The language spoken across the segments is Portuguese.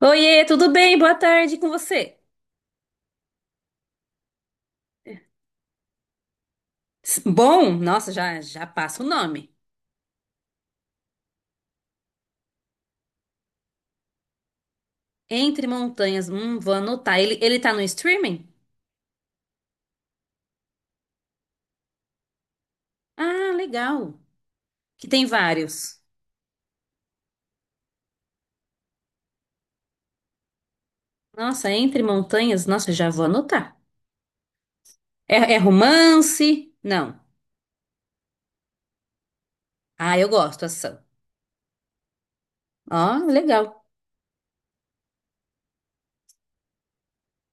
Oiê, tudo bem? Boa tarde com você. Bom, nossa, já passa o nome. Entre Montanhas, vou anotar. Ele tá no streaming? Ah, legal. Que tem vários. Nossa, Entre Montanhas, nossa, já vou anotar. É, é romance? Não. Ah, eu gosto, ação. Ó, legal.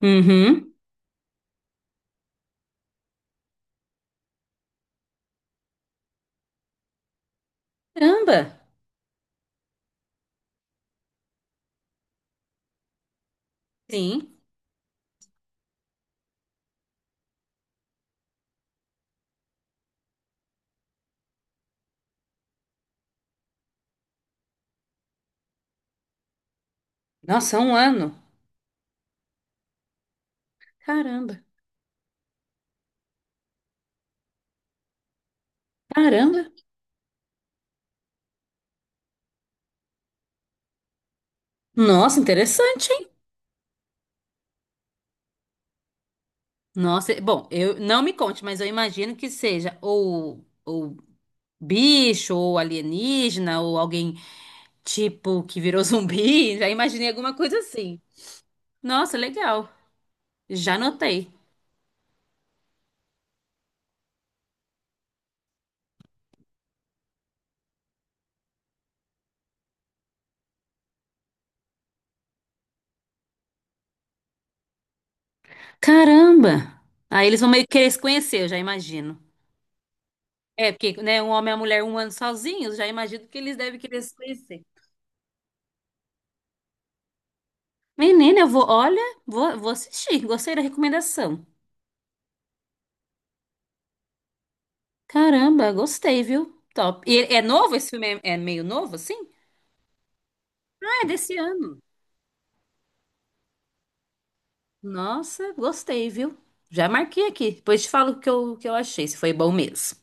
Uhum. Caramba. Sim. Nossa, é um ano. Caramba. Caramba. Nossa, interessante, hein? Nossa, bom, eu não me conte, mas eu imagino que seja ou bicho, ou alienígena, ou alguém tipo que virou zumbi. Já imaginei alguma coisa assim. Nossa, legal. Já anotei. Caramba! Aí eles vão meio que querer se conhecer, eu já imagino. É, porque, né, um homem e uma mulher um ano sozinhos, já imagino que eles devem querer se conhecer. Menina, eu vou, olha, vou assistir. Gostei da recomendação. Caramba, gostei, viu? Top. E é novo esse filme? É meio novo, assim? Ah, é desse ano. Nossa, gostei, viu? Já marquei aqui. Depois te falo o que eu achei, se foi bom mesmo.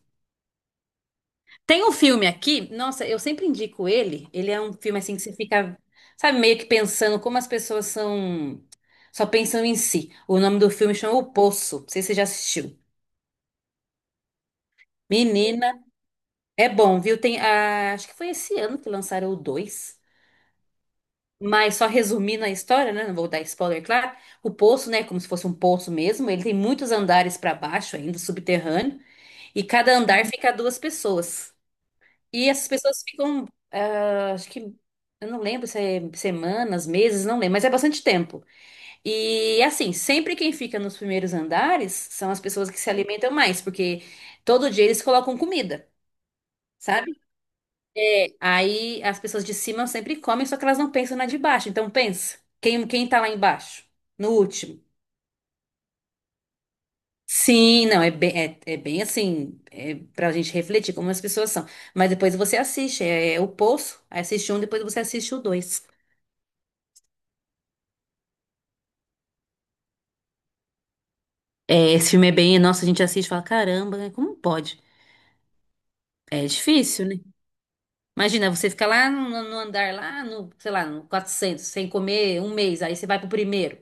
Tem um filme aqui, nossa, eu sempre indico ele. Ele é um filme assim que você fica, sabe, meio que pensando como as pessoas são. Só pensam em si. O nome do filme chama O Poço. Não sei se você já assistiu. Menina, é bom, viu? Tem, ah, acho que foi esse ano que lançaram o 2. Mas só resumindo a história, né? Não vou dar spoiler, claro. O poço, né? Como se fosse um poço mesmo. Ele tem muitos andares para baixo ainda, subterrâneo. E cada andar fica duas pessoas. E essas pessoas ficam, ah, acho que, eu não lembro se é semanas, meses, não lembro, mas é bastante tempo. E assim, sempre quem fica nos primeiros andares são as pessoas que se alimentam mais, porque todo dia eles colocam comida, sabe? Aí as pessoas de cima sempre comem, só que elas não pensam na de baixo. Então pensa, quem tá lá embaixo, no último. Sim, não, é bem, é, é bem assim, é pra gente refletir como as pessoas são. Mas depois você assiste, é, é o Poço, aí assiste um, depois você assiste o dois. É, esse filme é bem, nossa, a gente assiste e fala, caramba, né, como pode? É difícil, né? Imagina, você fica lá no andar, lá no, sei lá, no 400 sem comer um mês, aí você vai pro primeiro.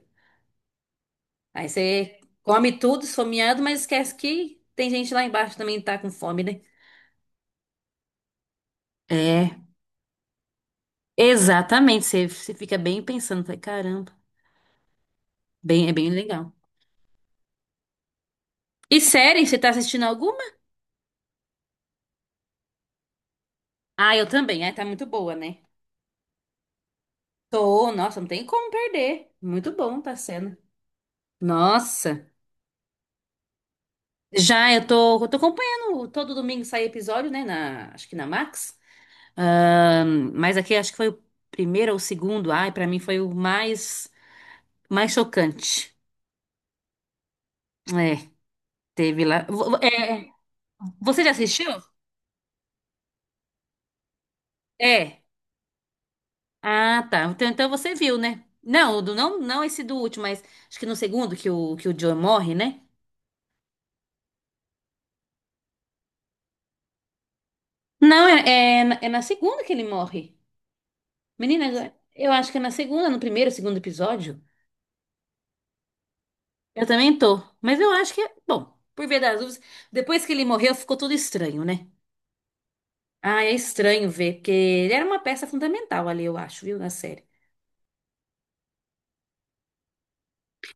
Aí você come tudo, esfomeado, mas esquece que tem gente lá embaixo que também tá com fome, né? É, exatamente, você fica bem pensando, fala, caramba, bem, é bem legal. E série, você tá assistindo alguma? Ah, eu também. Ah, tá muito boa, né? Tô, nossa, não tem como perder. Muito bom tá sendo. Nossa. Já eu tô acompanhando todo domingo sai episódio, né? Na, acho que na Max. Mas aqui acho que foi o primeiro ou o segundo. Ai, pra mim foi o mais, mais chocante. É, teve lá. É, é. Você já assistiu? É. Ah, tá. Então, então você viu, né? Não, não, não esse do último, mas acho que no segundo que que o Joe morre, né? Não, é, é na segunda que ele morre. Menina, eu acho que é na segunda, no primeiro, segundo episódio. Eu também tô. Mas eu acho que é. Bom, por ver das dúvidas, depois que ele morreu, ficou tudo estranho, né? Ah, é estranho ver, porque ele era uma peça fundamental ali, eu acho, viu, na série.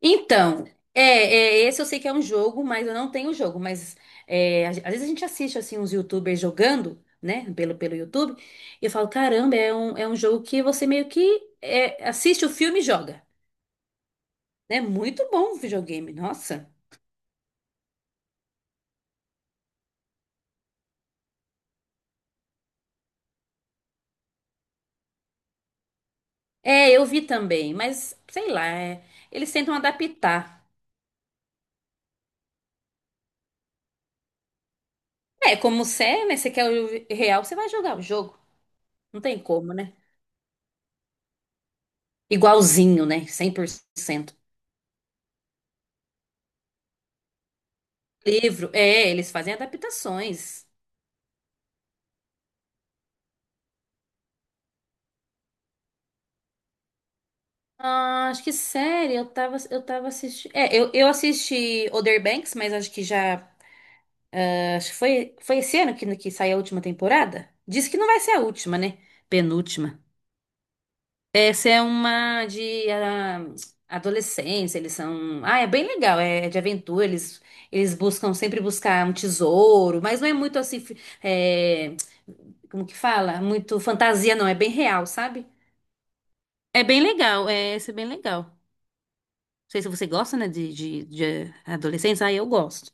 Então, é, é, esse eu sei que é um jogo, mas eu não tenho o jogo. Mas é, às vezes a gente assiste assim uns YouTubers jogando, né, pelo YouTube, e eu falo, caramba, é um jogo que você meio que é, assiste o filme e joga. É muito bom o videogame, nossa. É, eu vi também, mas sei lá, é, eles tentam adaptar. É, como você é, né? Você quer o real, você vai jogar o jogo. Não tem como, né? Igualzinho, né? Cem por cento. Livro, é, eles fazem adaptações. Ah, acho que série, eu tava assistindo. É, eu assisti Other Banks, mas acho que já. Acho que foi, foi esse ano que saiu a última temporada. Diz que não vai ser a última, né? Penúltima. Essa é uma de ah, adolescência, eles são. Ah, é bem legal, é de aventura, eles buscam sempre buscar um tesouro, mas não é muito assim. Fi- é, Como que fala? Muito fantasia, não, é bem real, sabe? É bem legal, é, esse é bem legal. Não sei se você gosta, né, de adolescência. Ah, eu gosto.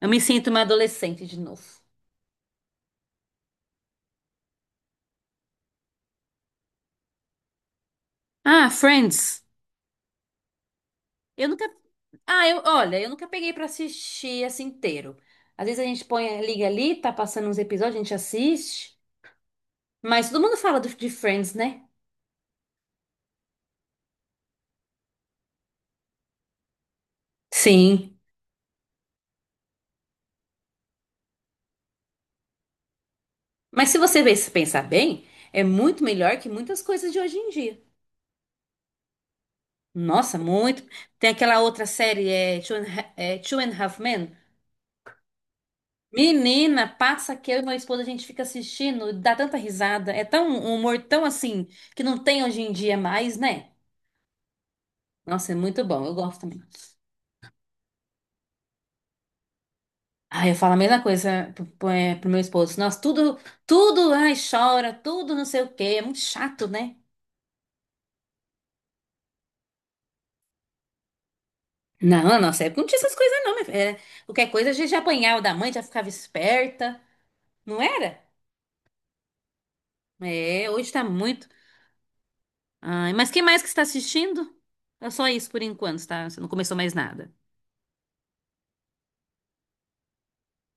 Eu me sinto uma adolescente de novo. Ah, Friends. Eu nunca Ah, eu, olha, eu nunca peguei pra assistir assim inteiro. Às vezes a gente põe, liga ali, tá passando uns episódios, a gente assiste. Mas todo mundo fala de Friends, né? Sim. Mas se você se pensar bem, é muito melhor que muitas coisas de hoje em dia. Nossa, muito. Tem aquela outra série, é Two and, é, Two and a Half Men. Menina, passa que eu e meu esposo a gente fica assistindo, dá tanta risada. É tão um humor tão assim que não tem hoje em dia mais, né? Nossa, é muito bom. Eu gosto também. Aí eu falo a mesma coisa pro, pro é, pro meu esposo. Nossa, tudo, ai, chora, tudo não sei o quê. É muito chato, né? Não, na nossa época não tinha essas coisas, não, minha filha. Era- Qualquer coisa a gente já apanhava da mãe, já ficava esperta. Não era? É, hoje tá muito. Ai, mas que mais que você tá assistindo? É só isso por enquanto, tá? Você não começou mais nada.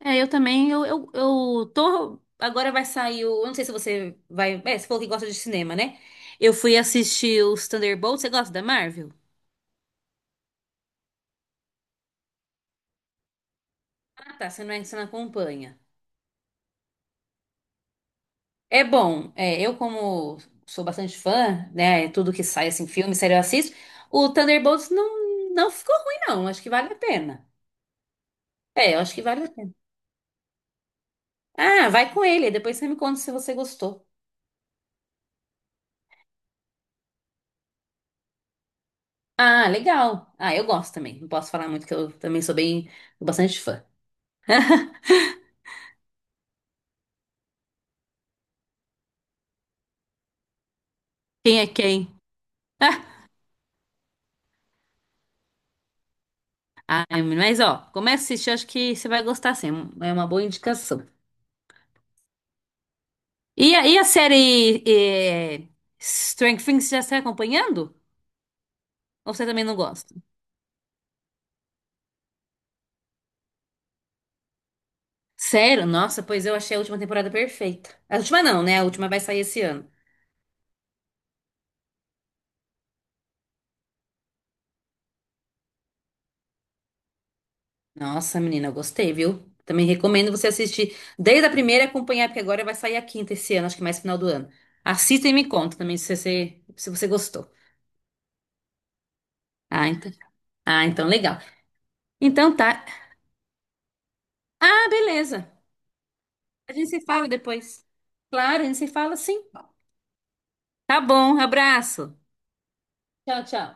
É, eu também, eu tô. Agora vai sair o. Eu não sei se você vai. É, você falou que gosta de cinema, né? Eu fui assistir os Thunderbolts. Você gosta da Marvel? Ah, tá, você não, você não acompanha. É bom, é, eu como sou bastante fã, né, é tudo que sai, assim, filme, série eu assisto, o Thunderbolts não, não ficou ruim, não, acho que vale a pena. É, eu acho que vale a pena. Ah, vai com ele, depois você me conta se você gostou. Ah, legal. Ah, eu gosto também, não posso falar muito que eu também sou bem, sou bastante fã. Quem é quem? Ah, ai, mas ó, começa a assistir, acho que você vai gostar, sim, é uma boa indicação. E, e a série eh, Stranger Things, já está acompanhando? Ou você também não gosta? Sério? Nossa, pois eu achei a última temporada perfeita. A última não, né? A última vai sair esse ano. Nossa, menina, eu gostei, viu? Também recomendo você assistir desde a primeira e acompanhar, porque agora vai sair a quinta esse ano, acho que mais final do ano. Assista e me conta também se você gostou. Ah, então. Ah, então legal. Então tá. Ah, beleza. A gente se fala depois. Claro, a gente se fala sim. Tá bom, abraço. Tchau, tchau.